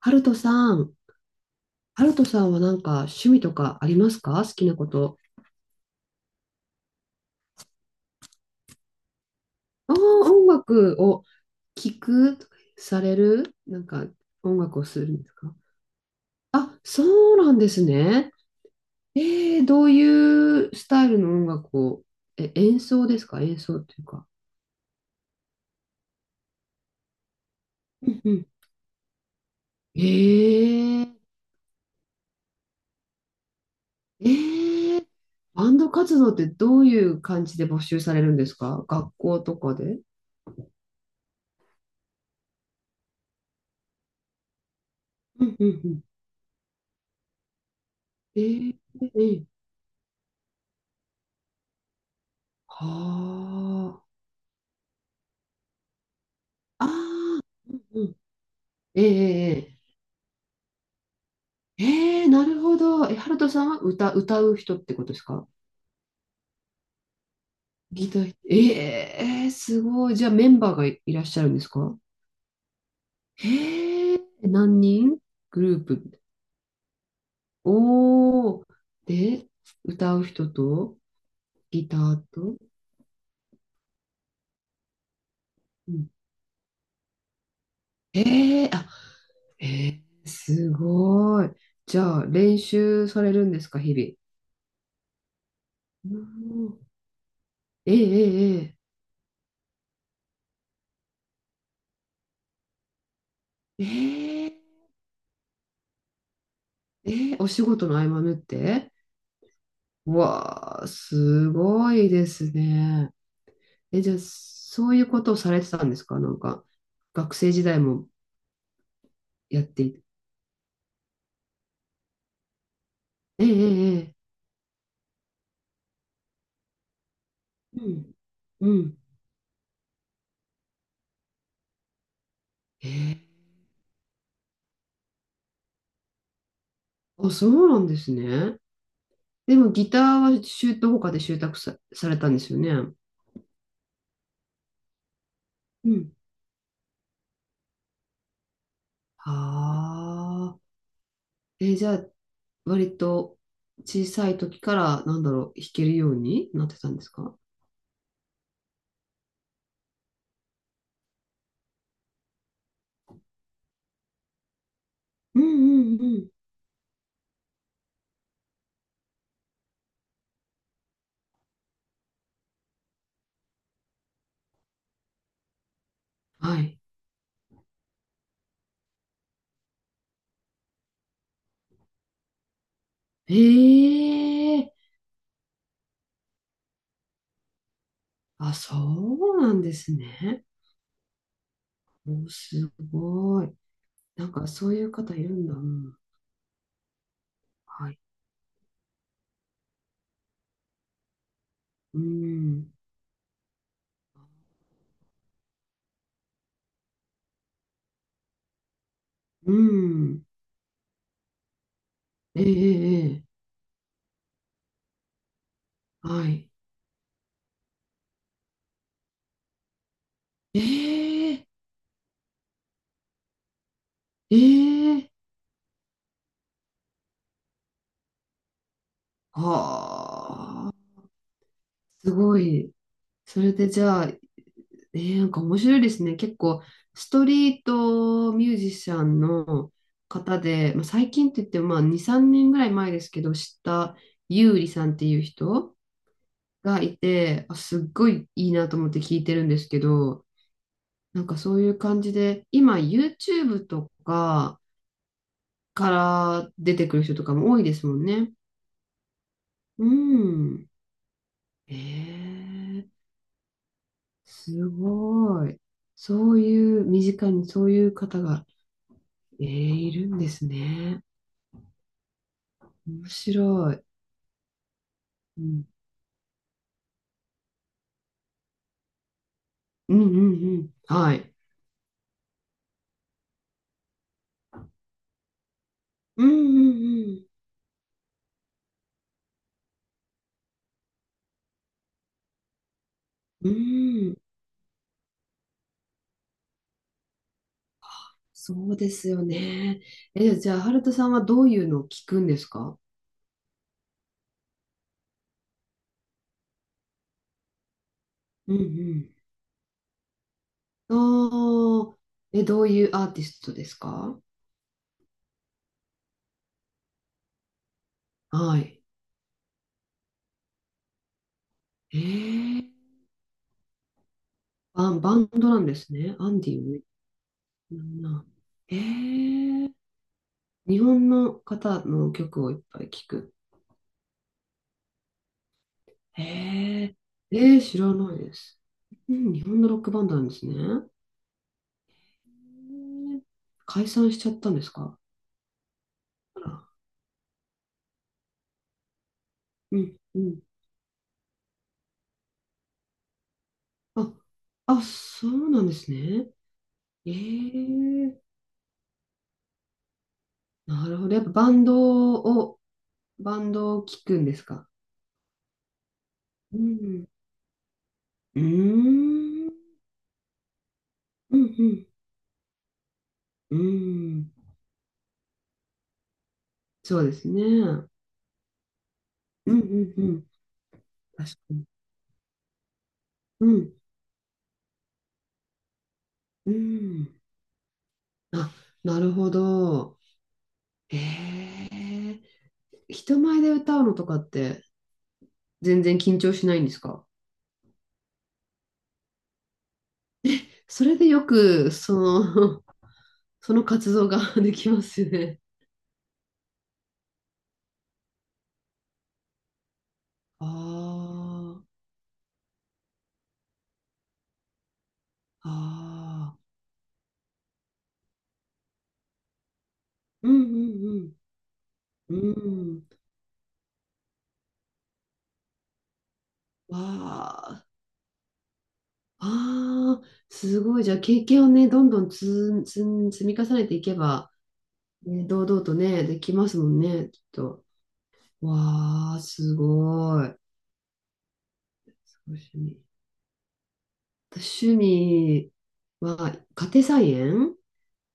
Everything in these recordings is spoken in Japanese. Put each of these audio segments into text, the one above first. ハルトさん。ハルトさんはなんか趣味とかありますか？好きなこと。ああ、音楽を聴く、されるなんか音楽をするんですか？あ、そうなんですね。えどういうスタイルの音楽を、演奏ですか？演奏っていうか。うんうん。えー、えー、バンド活動ってどういう感じで募集されるんですか？学校とかで。うんうんうん。えー、えー、はあ。ああ、うんうん。ええええええ、なるほど。ハルトさんは歌う人ってことですか？ギター、ええすごい。じゃあメンバーがいらっしゃるんですか？へえ、何人グループ？おー。で、歌う人と、ギターと。うんええ、あ、ええすごい。じゃあ練習されるんですか、日々。うん、えええええええええー、お仕事の合間縫って？うわあ、すごいですね。じゃあ、そういうことをされてたんですかなんか、学生時代もやっていて。ええええええ、うん。うん。ええ、あ、そうなんですね。でも、ギターは習得、他で習得さ、されたんですよね。うん。はあ。じゃあ、割と小さい時から、なんだろう、弾けるようになってたんですか？うんうんうん。はい。ええ、あ、そうなんですね。お、すごい。なんかそういう方いるんだ。うん。はい。うん。うん。ええええ、はい。ええええ、はあ。すごい。それでじゃあ、ええ、なんか面白いですね。結構、ストリートミュージシャンの方で、まあ、最近って言っても、まあ、2、3年ぐらい前ですけど、知ったゆうりさんっていう人。がいて、あ、すっごいいいなと思って聞いてるんですけど、なんかそういう感じで、今 YouTube とかから出てくる人とかも多いですもんね。うん。えー、すごい。そういう、身近にそういう方が、いるんですね。面白い。うん、うんうんうん。はい。うんうんうん。うん。そうですよね。じゃあ、ハルトさんはどういうのを聞くんですか？うんうん。ああ、どういうアーティストですか？はい。ええ、バンドなんですね。アンディも。なんな。ええ、日本の方の曲をいっぱい聴く。ええええ、知らないです。うん、日本のロックバンドなんですね。ええ、解散しちゃったんですか？あら。うん、うん。あ、あ、そうなんですね。ええ、なるほど。やっぱバンドを聴くんですか？うん。うーん。うんうん。うーん。そうですね。うんうんうん。確かに。うん。うん。あ、なるほど。へえ。人前で歌うのとかって全然緊張しないんですか？それでよく、その、その活動が できますよね。ああ。ああ。うんうんうん。うん。わああ、すごい。じゃあ、経験をね、どんどん積み重ねていけば、ね、堂々とね、できますもんね、きっと。わあ、すごい。すごい趣味。私、趣味は、家庭菜園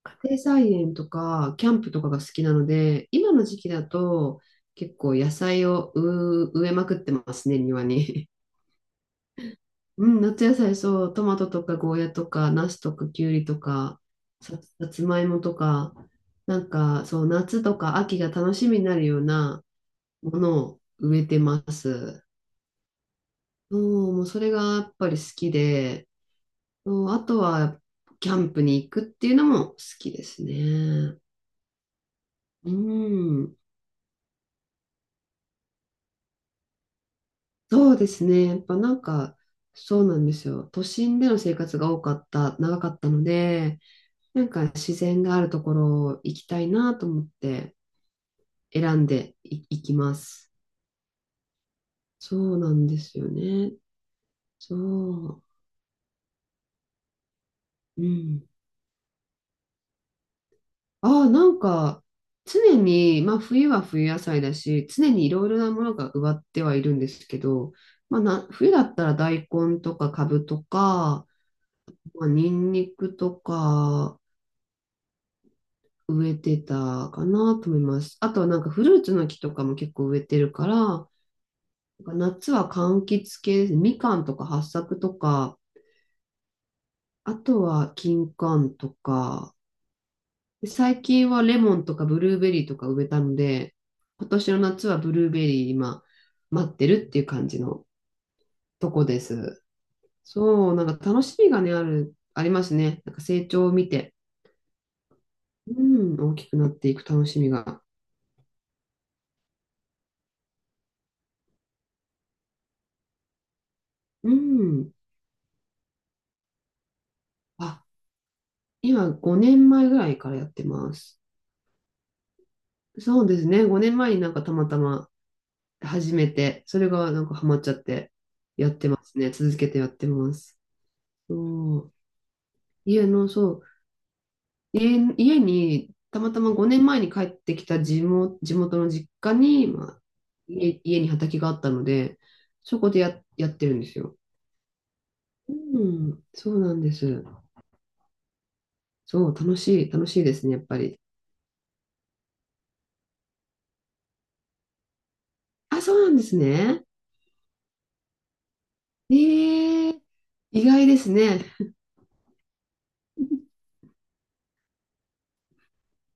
家庭菜園とか、キャンプとかが好きなので、今の時期だと、結構野菜を植えまくってますね、庭に。うん、夏野菜、そう、トマトとかゴーヤとか、ナスとかキュウリとか、さつまいもとか、なんか、そう、夏とか秋が楽しみになるようなものを植えてます。そう、もうそれがやっぱり好きで、そう、あとは、キャンプに行くっていうのも好きですね。うん、そうですね。やっぱなんか、そうなんですよ。都心での生活が多かった、長かったので、なんか自然があるところを行きたいなと思って選んでい、行きます。そうなんですよね。そう。うん。ああ、なんか常に、まあ冬は冬野菜だし、常にいろいろなものが植わってはいるんですけど、まあな、冬だったら大根とかカブとか、まあ、ニンニクとか植えてたかなと思います。あとはなんかフルーツの木とかも結構植えてるから、夏は柑橘系です。みかんとか八朔とか、あとは金柑とか、最近はレモンとかブルーベリーとか植えたので、今年の夏はブルーベリー今待ってるっていう感じのとこです。そう、なんか楽しみがね、ありますね。なんか成長を見て、うん、大きくなっていく楽しみが。うん。あ、今5年前ぐらいからやってます。そうですね。5年前になんかたまたま始めて、それがなんかハマっちゃって、やってますね。続けてやってます。そう。家の、そう、家に、たまたま5年前に帰ってきた地元の実家に、まあ、家に畑があったので、そこでやってるんですよ。うん、そうなんです。そう、楽しいですね、やっぱり。あ、そうなんですね。ええ、意外ですね。